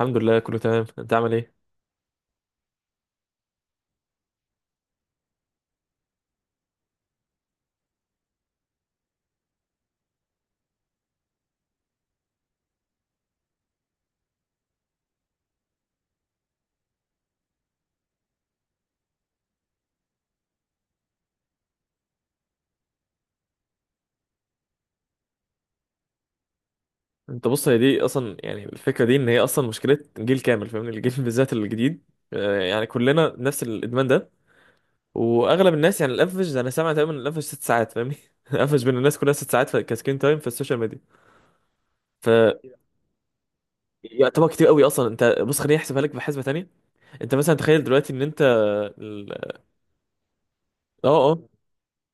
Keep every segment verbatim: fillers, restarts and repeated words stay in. الحمد لله كله تمام، انت عامل ايه؟ انت بص، هي دي اصلا يعني الفكره دي، ان هي اصلا مشكله جيل كامل فاهمني الجيل بالذات الجديد. آه، يعني كلنا نفس الادمان ده. واغلب الناس يعني الافج، انا سامع تقريبا الافج ست ساعات فاهمني الافج بين الناس كلها ست ساعات في- كسكرين تايم في السوشيال ميديا. ف يعتبر كتير قوي اصلا. انت بص، خليني احسبها لك بحسبه تانية. انت مثلا تخيل دلوقتي ان انت ال- اه، اه.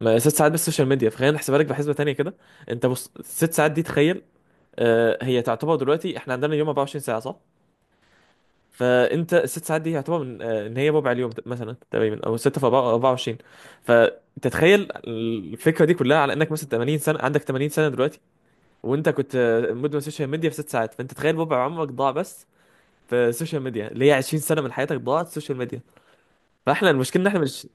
ما ست ساعات بس السوشيال ميديا، فخلينا نحسبها لك بحسبه تانية كده. انت بص، ست ساعات دي تخيل. آه، هي تعتبر دلوقتي احنا عندنا اليوم 24 ساعه، صح؟ فانت الست ساعات دي يعتبر من آه، ان هي ربع اليوم مثلا تقريبا، او سته في اربعه وعشرين. فتتخيل الفكره دي كلها على انك مثلا 80 سنه، عندك 80 سنه دلوقتي. وانت كنت آه، مدمن سوشيال ميديا في 6 ساعات، فانت تخيل ربع عمرك ضاع بس في السوشيال ميديا، اللي هي 20 سنه من حياتك ضاعت سوشيال ميديا. فاحنا المشكله ان احنا مش...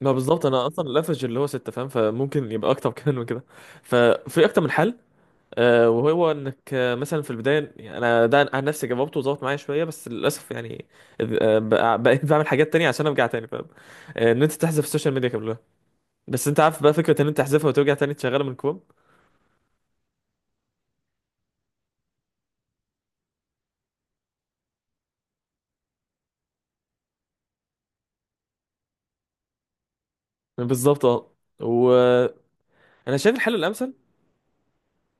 ما بالظبط، انا اصلا الافرج اللي هو سته فاهم، فممكن يبقى اكتر كمان من كده. ففي اكتر من حل. آه، وهو انك آه، مثلا في البدايه، يعني انا ده عن نفسي جاوبته وظبط معايا شويه بس للاسف يعني. آه، بقى- بقيت بعمل حاجات تانية عشان ارجع تاني فاهم. آه، ان انت تحذف السوشيال ميديا كلها، بس انت عارف بقى فكره ان انت تحذفها وترجع تاني تشغلها من كوم. بالظبط، اه. وانا شايف الحل الامثل،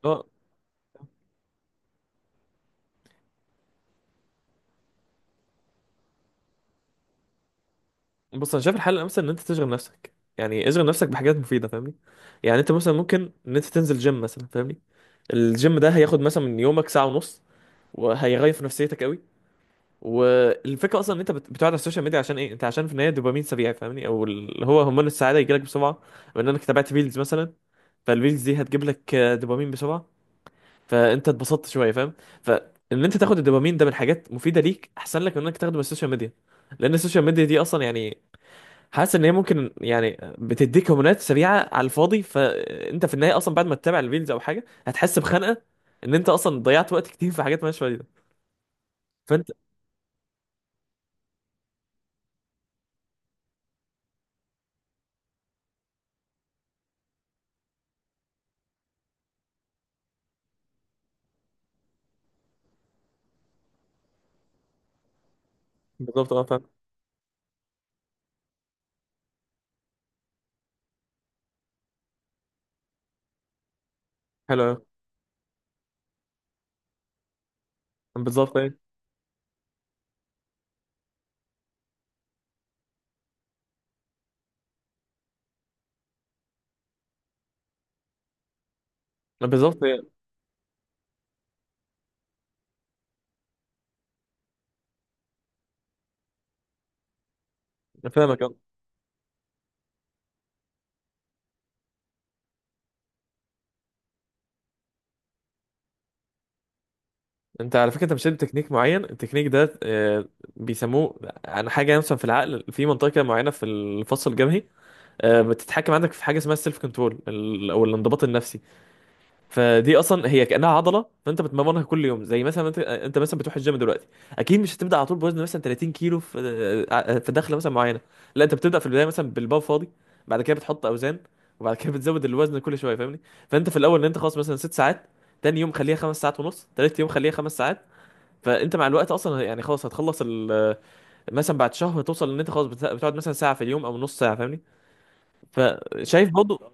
اه. بص، انا شايف الحل الامثل، ان انت تشغل نفسك، يعني اشغل نفسك بحاجات مفيده فاهمني. يعني انت مثلا ممكن ان انت تنزل جيم مثلا، فاهمني؟ الجيم ده هياخد مثلا من يومك ساعه ونص، وهيغير في نفسيتك قوي، والفكره اصلا ان انت بت- بتقعد على السوشيال ميديا، عشان ايه؟ انت عشان في النهايه دوبامين سريع فاهمني، او اللي هو هرمون السعاده يجيلك بسرعه من انك تابعت ريلز مثلا. فالريلز دي هتجيب لك آه، دوبامين بسرعه، فانت اتبسطت شويه فاهم. فان انت تاخد الدوبامين ده من حاجات مفيده ليك احسن لك من انك تاخده من السوشيال ميديا، لان السوشيال ميديا دي اصلا يعني حاسس ان هي ممكن يعني بتديك هرمونات سريعه على الفاضي، فانت في النهايه اصلا بعد ما تتابع الريلز او حاجه هتحس بخنقه، ان انت اصلا ضيعت وقت كتير في حاجات مالهاش فايده. فانت... بالظبط اه، فاهم. حلو أوي. بالظبط. بالظبط يعني. أنا فاهمك، أه. انت على فكره انت مش لازم تكنيك معين، التكنيك ده آه، بيسموه عن حاجه مثلا في العقل، في منطقه كده معينه في الفص الجبهي. آه، بتتحكم عندك في حاجه اسمها السيلف كنترول، او الانضباط النفسي. فدي اصلا هي كانها عضله، فانت بتمرنها كل يوم، زي مثلا انت انت مثلا بتروح الجيم دلوقتي. اكيد مش هتبدا على طول بوزن مثلا 30 كيلو في في دخله مثلا معينه. لا، انت بتبدا في البدايه مثلا بالبار فاضي، بعد كده بتحط اوزان، وبعد كده بتزود الوزن كل شويه فاهمني. فانت في الاول، ان انت خلاص مثلا ست ساعات، تاني يوم خليها خمس ساعات ونص، تالت يوم خليها خمس ساعات. فانت مع الوقت اصلا يعني خلاص هتخلص ال- مثلا بعد شهر توصل ان انت خلاص بت- بتقعد مثلا ساعه في اليوم او نص ساعه فاهمني. فشايف برضه،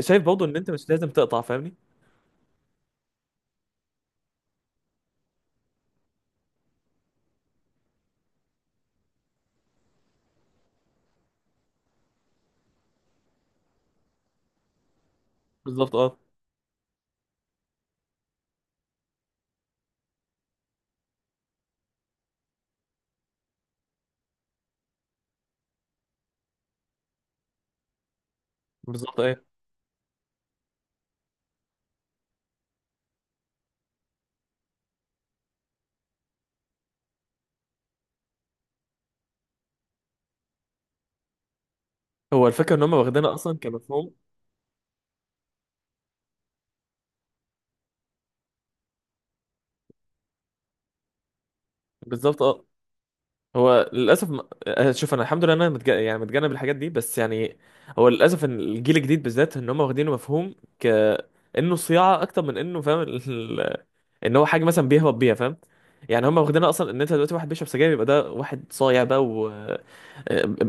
شايف برضه ان انت مش لازم تقطع فاهمني. بالظبط، اه. بالظبط. هو الفكره ان هم واخدينها اصلا كمفهوم. بالظبط، اه. هو للاسف م... آه، شوف، انا الحمد لله انا متج... يعني متجنب الحاجات دي بس يعني هو للاسف ان الجيل الجديد بالذات ان هم واخدينه مفهوم ك انه صياعه اكتر من انه فاهم ال... ال- ان هو حاجه مثلا بيهبط بيها فاهم. يعني هم واخدينها اصلا ان انت دلوقتي واحد بيشرب سجاير يبقى ده واحد صايع بقى، و آه،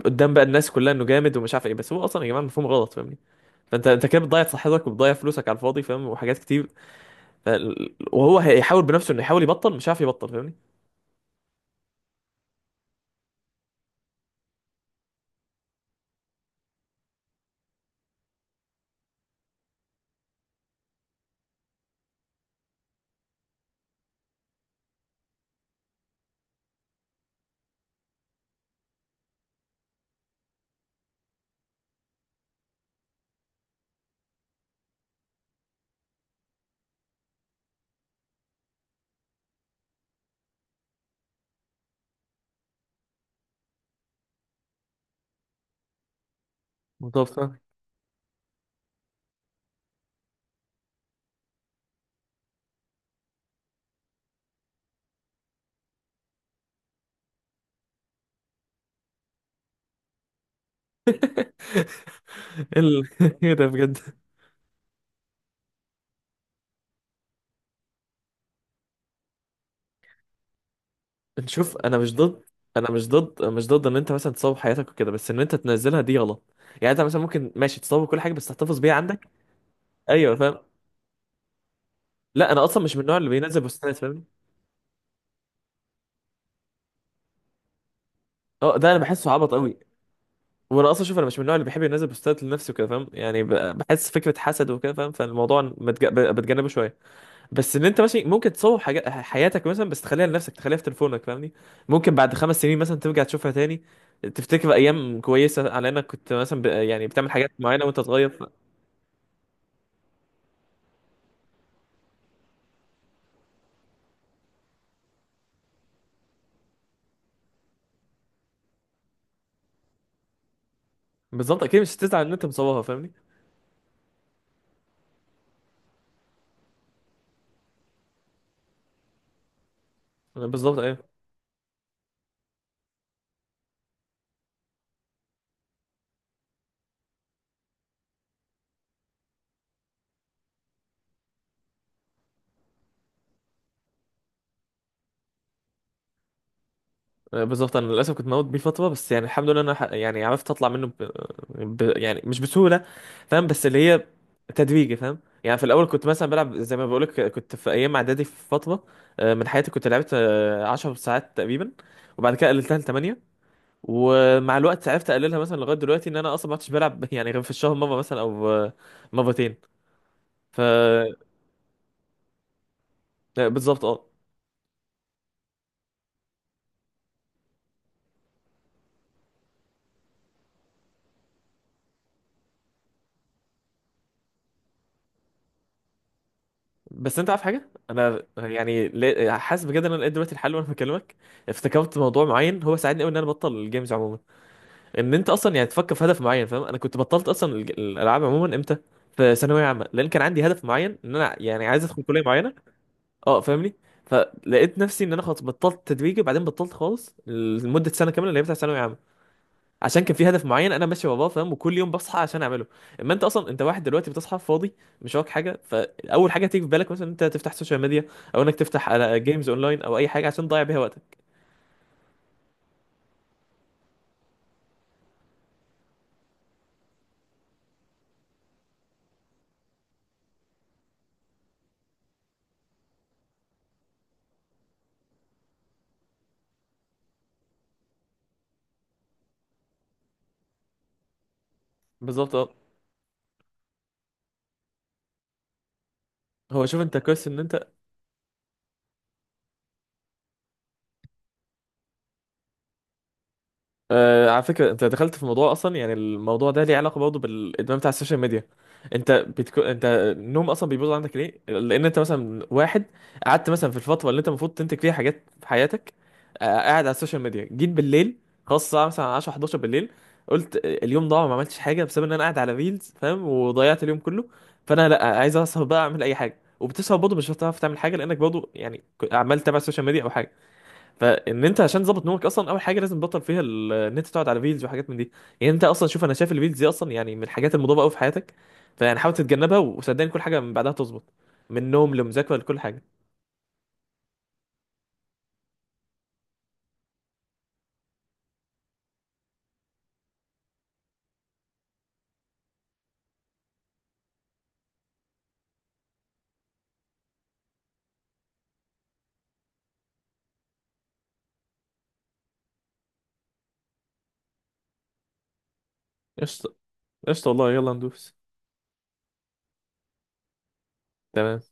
قدام بقى الناس كلها انه جامد ومش عارف ايه، بس هو اصلا يا جماعه مفهوم غلط فاهمني. فانت انت كده بتضيع صحتك وبتضيع فلوسك على الفاضي فاهم، وحاجات كتير. ف... وهو هيحاول بنفسه انه يحاول يبطل مش عارف يبطل فاهمني. متوفى. ال... ايه ده بجد؟ نشوف، انا مش ضد. انا مش ضد مش ضد ان انت مثلا تصور حياتك وكده، بس ان انت تنزلها دي غلط. يعني انت مثلا ممكن ماشي تصور كل حاجه بس تحتفظ بيها عندك. ايوه، فاهم. لا، انا اصلا مش من النوع اللي بينزل بوستات فاهم. اه، ده انا بحسه عبط قوي. وانا اصلا شوف، انا مش من النوع اللي بيحب ينزل بوستات لنفسه كده فاهم، يعني ب- بحس فكره حسد وكده فاهم، فالموضوع متج... ب- بتجنبه شويه. بس ان انت ماشي ممكن تصور حاجات حياتك مثلا بس تخليها لنفسك، تخليها في تليفونك فاهمني. ممكن بعد خمس سنين مثلا ترجع تشوفها تاني، تفتكر ايام كويسه على انك كنت مثلا ب... يعني بتعمل حاجات معينه وانت صغير ف... بالظبط اكيد مش هتزعل ان انت مصورها فاهمني. بالظبط، ايوه. آه، بالظبط انا للاسف كنت موجود بيه فتره بس يعني الحمد لله انا ح- يعني عرفت اطلع منه ب... ب... يعني مش بسهوله فاهم، بس اللي هي تدريجي فاهم. يعني في الاول كنت مثلا بلعب، زي ما بقولك كنت في ايام اعدادي في فتره آه، من حياتي، كنت لعبت 10 ساعات تقريبا، وبعد كده قللتها ل تمانيه. ومع الوقت عرفت اقللها مثلا لغايه دلوقتي ان انا اصلا ما عدتش بلعب يعني، غير في الشهر مره مثلا او آه، مرتين. ف آه، بالظبط، اه. بس انت عارف حاجه، انا يعني لا- حاسس بجد ان انا لقيت دلوقتي الحل وانا بكلمك. افتكرت موضوع معين هو ساعدني قوي ان انا ابطل الجيمز عموما، ان انت اصلا يعني تفكر في هدف معين فاهم. انا كنت بطلت اصلا الج- الالعاب عموما، امتى؟ في ثانويه عامه، لان كان عندي هدف معين ان انا يعني عايز ادخل كليه معينه. اه، فاهمني. فلقيت نفسي ان انا خلاص بطلت تدريجي، وبعدين بطلت خالص لمده سنه كامله اللي هي بتاع ثانويه عامه. عشان كان في هدف معين انا ماشي وراه فاهم، وكل يوم بصحى عشان اعمله. اما انت اصلا انت واحد دلوقتي بتصحى فاضي، مش وراك حاجه، فاول حاجه تيجي في بالك مثلا انت تفتح سوشيال ميديا، او انك تفتح على جيمز اونلاين، او اي حاجه عشان تضيع بيها وقتك. بالظبط، اه. هو شوف، انت كويس ان انت... آه على فكرة انت دخلت في موضوع اصلا، يعني الموضوع ده ليه علاقة برضه بالادمان بتاع السوشيال ميديا. انت بتكو... انت النوم اصلا بيبوظ عندك ليه؟ لان انت مثلا واحد قعدت مثلا في الفترة اللي انت المفروض تنتج فيها حاجات في حياتك، آه قاعد على السوشيال ميديا، جيت بالليل خلاص الساعة مثلا عشره، حداشر بالليل. قلت اليوم ضاع ما عملتش حاجة بسبب ان انا قاعد على ريلز فاهم، وضيعت اليوم كله. فانا لا عايز اسهر بقى اعمل اي حاجة، وبتسهر برضه مش هتعرف تعمل حاجة لانك برضه يعني عمال تتابع السوشيال ميديا او حاجة. فان انت عشان تظبط نومك، اصلا اول حاجه لازم تبطل فيها ال- ان انت تقعد على فيديوز وحاجات من دي. يعني انت اصلا شوف، انا شايف الفيديوز دي اصلا يعني من الحاجات المضاده قوي في حياتك، فيعني حاول تتجنبها، وصدقني كل حاجه من بعدها تظبط، من نوم لمذاكره لكل حاجه. قشطه، قشطه والله، يلا ندوس. تمام.